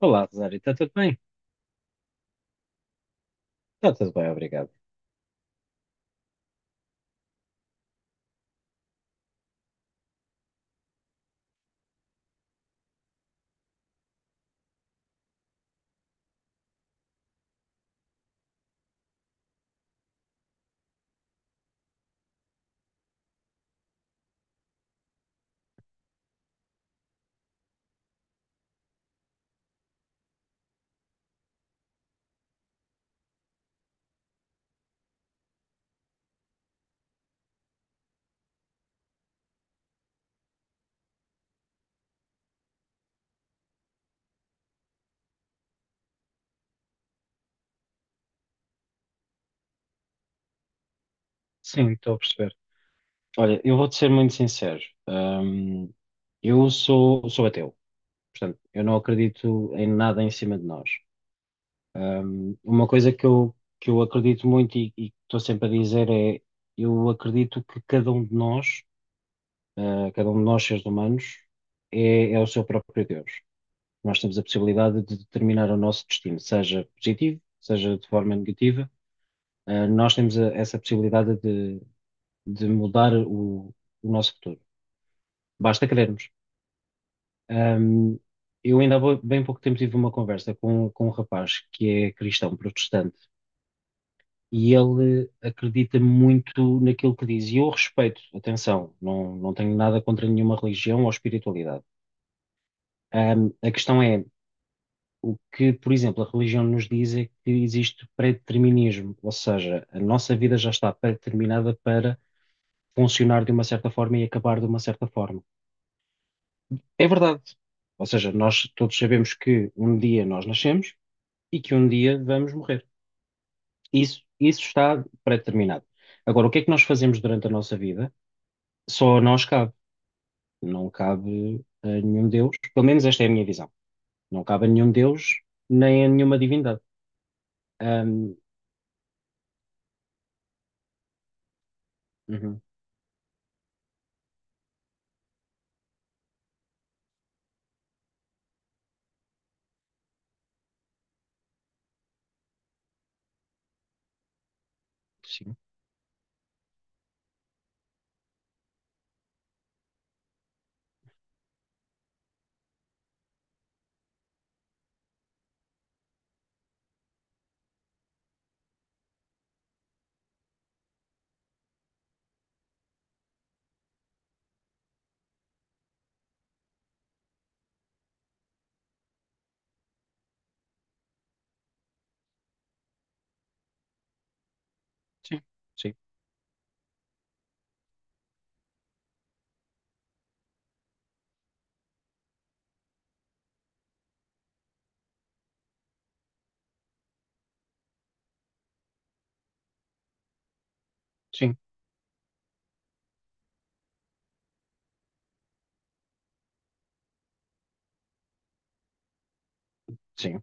Olá, Rosário, está tudo bem? Está tudo bem, obrigado. Sim, estou a perceber. Olha, eu vou-te ser muito sincero. Hum, eu sou ateu, portanto, eu não acredito em nada em cima de nós. Uma coisa que eu acredito muito e que estou sempre a dizer é: eu acredito que cada um de nós, cada um de nós, seres humanos, é o seu próprio Deus. Nós temos a possibilidade de determinar o nosso destino, seja positivo, seja de forma negativa. Nós temos essa possibilidade de mudar o nosso futuro. Basta querermos. Ahm, eu ainda há bem pouco tempo tive uma conversa com um rapaz que é cristão protestante e ele acredita muito naquilo que diz. E eu respeito, atenção, não, não tenho nada contra nenhuma religião ou espiritualidade. A questão é, o que, por exemplo, a religião nos diz é que existe predeterminismo, ou seja, a nossa vida já está determinada para funcionar de uma certa forma e acabar de uma certa forma. É verdade. Ou seja, nós todos sabemos que um dia nós nascemos e que um dia vamos morrer. Isso está pré-determinado. Agora, o que é que nós fazemos durante a nossa vida? Só a nós cabe. Não cabe a nenhum Deus. Pelo menos esta é a minha visão. Não cabe a nenhum Deus, nem a nenhuma divindade. Ahm, uhum, sim, sim, sim, sim, sim.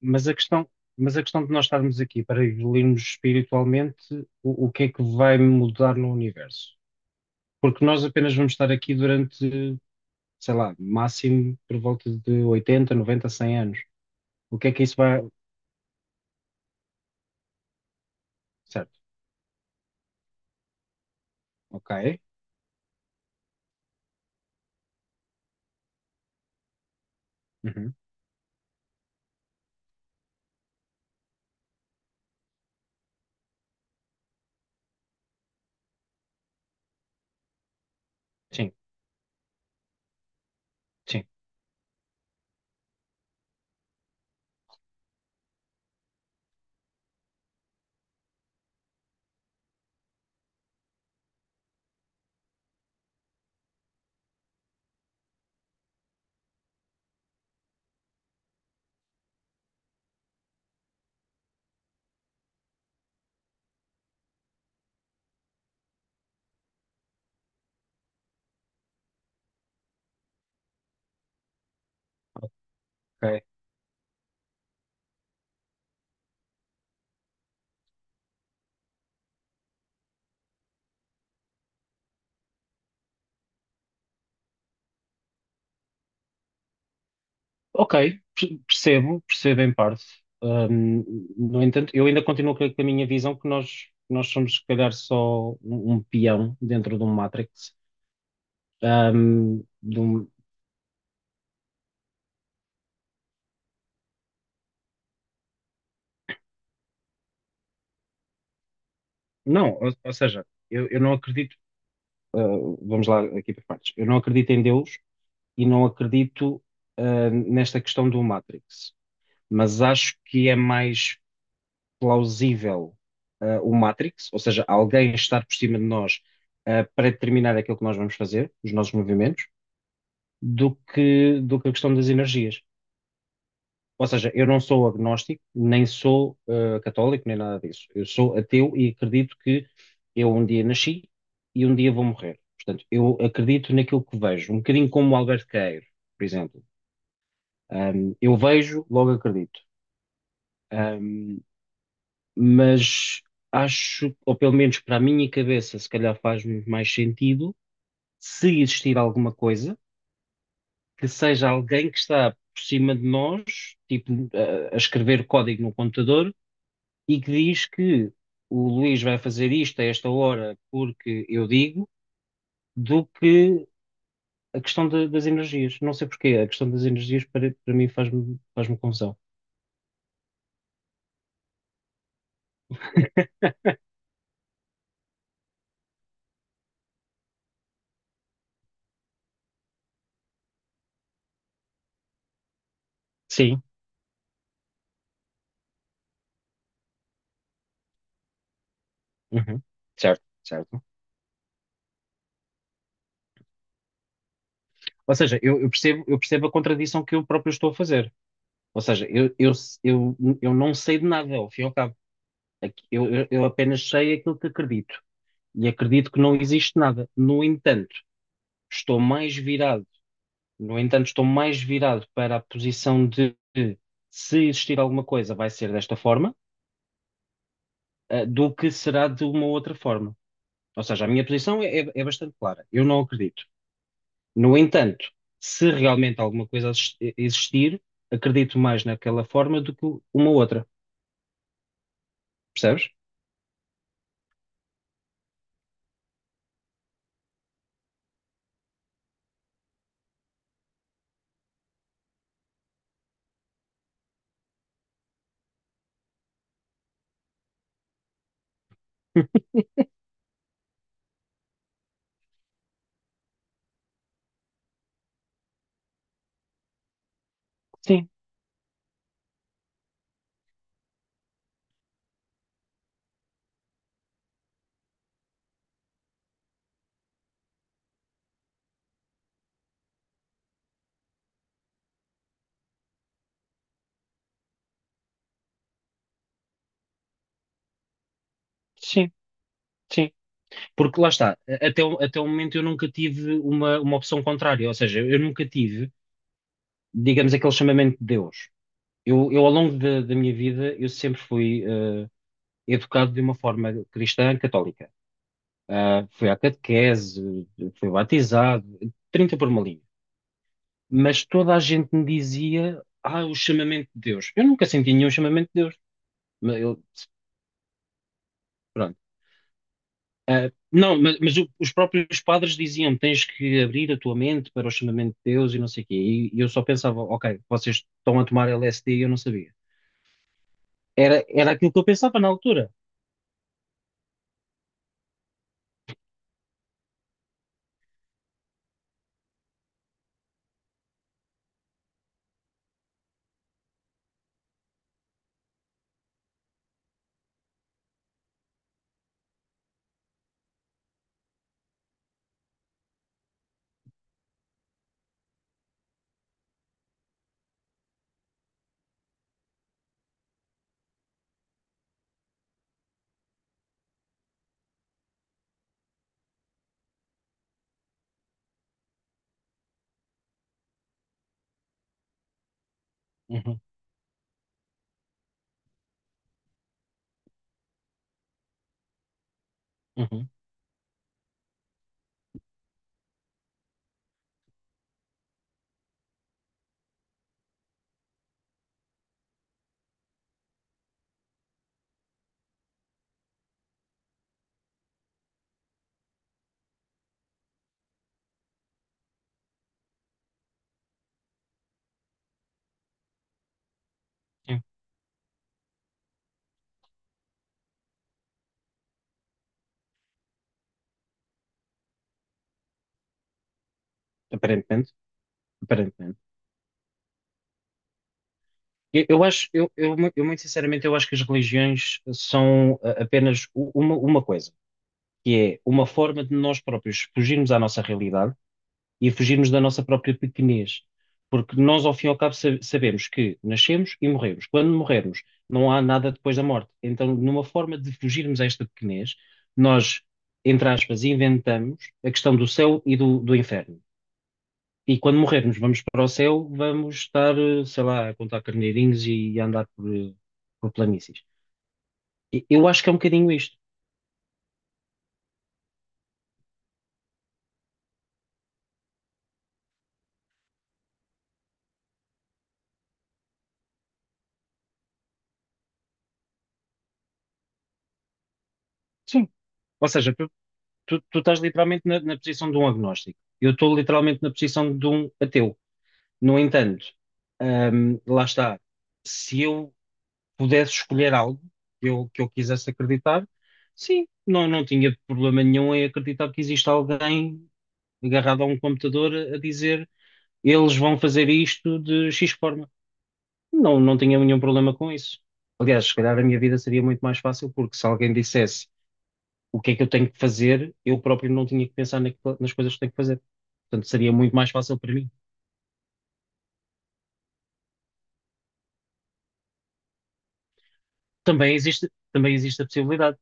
Mas a questão, mas a questão de nós estarmos aqui para evoluirmos espiritualmente, o que é que vai mudar no universo? Porque nós apenas vamos estar aqui durante, sei lá, máximo por volta de 80, 90, 100 anos. O que é que isso vai. Certo, ok. Uhum. Sim, sim, ok. Ok, percebo, percebo em parte. Ahm, no entanto, eu ainda continuo com a minha visão que nós somos, se calhar, só um peão dentro de um Matrix. Ahm, de um- Não, ou seja, eu não acredito. ah, vamos lá aqui para partes. Eu não acredito em Deus e não acredito, nesta questão do Matrix, mas acho que é mais plausível, o Matrix, ou seja, alguém estar por cima de nós, para determinar aquilo que nós vamos fazer, os nossos movimentos, do que a questão das energias. Ou seja, eu não sou agnóstico, nem sou católico, nem nada disso. Eu sou ateu e acredito que eu um dia nasci e um dia vou morrer. Portanto, eu acredito naquilo que vejo, um bocadinho como o Albert Queiro, por exemplo. Eu vejo, logo acredito. Um, mas acho, ou pelo menos para a minha cabeça, se calhar faz mais sentido, se existir alguma coisa, que seja alguém que está por cima de nós, tipo, a escrever código no computador, e que diz que o Luís vai fazer isto a esta hora porque eu digo, do que a questão das energias. Não sei porquê, a questão das energias para mim faz-me confusão. Sim. Uhum. Certo, certo. Ou seja, eu percebo a contradição que eu próprio estou a fazer. Ou seja, eu não sei de nada, ao fim e ao cabo. Eu apenas sei aquilo que acredito. E acredito que não existe nada. No entanto, estou mais virado, no entanto, estou mais virado para a posição de se existir alguma coisa, vai ser desta forma, do que será de uma outra forma. Ou seja, a minha posição é bastante clara. Eu não acredito. No entanto, se realmente alguma coisa existir, acredito mais naquela forma do que uma outra, percebes? Sim, sim, sim. Porque lá está, até o momento eu nunca tive uma opção contrária, ou seja, eu nunca tive, digamos, aquele chamamento de Deus. Eu ao longo da minha vida, eu sempre fui educado de uma forma cristã católica. Fui à catequese, fui batizado, 30 por uma linha. Mas toda a gente me dizia, o chamamento de Deus. Eu nunca senti nenhum chamamento de Deus. Mas eu- Pronto. Não, os próprios padres diziam, tens que abrir a tua mente para o chamamento de Deus e não sei o quê. E eu só pensava, ok, vocês estão a tomar LSD e eu não sabia. Era aquilo que eu pensava na altura. Uhum, uhum, sim. Aparentemente, aparentemente. Eu eu muito sinceramente, eu acho que as religiões são apenas uma coisa. Que é uma forma de nós próprios fugirmos à nossa realidade e fugirmos da nossa própria pequenez. Porque nós, ao fim e ao cabo, sabemos que nascemos e morremos. Quando morrermos, não há nada depois da morte. Então, numa forma de fugirmos a esta pequenez, nós, entre aspas, inventamos a questão do céu e do inferno. E quando morrermos, vamos para o céu, vamos estar, sei lá, a contar carneirinhos e a andar por planícies. Eu acho que é um bocadinho isto. Sim. Ou seja, tu estás literalmente na posição de um agnóstico. Eu estou literalmente na posição de um ateu. No entanto, lá está. Se eu pudesse escolher algo que eu quisesse acreditar, sim, não, não tinha problema nenhum em acreditar que existe alguém agarrado a um computador a dizer eles vão fazer isto de X forma. Não, não tinha nenhum problema com isso. Aliás, se calhar a minha vida seria muito mais fácil, porque se alguém dissesse o que é que eu tenho que fazer, eu próprio não tinha que pensar nas coisas que tenho que fazer. Portanto, seria muito mais fácil para mim. Também existe a possibilidade.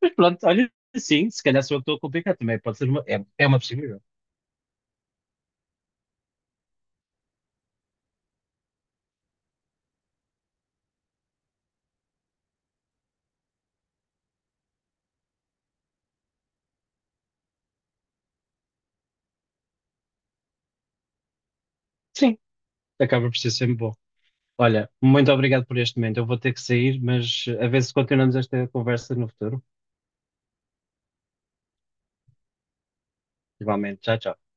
Mas pronto, olha, sim, se calhar sou eu que estou a complicar também. Pode ser uma, é uma possibilidade. Sim, acaba por ser sempre bom. Olha, muito obrigado por este momento. Eu vou ter que sair, mas a ver se continuamos esta conversa no futuro. Igualmente, tchau, tchau.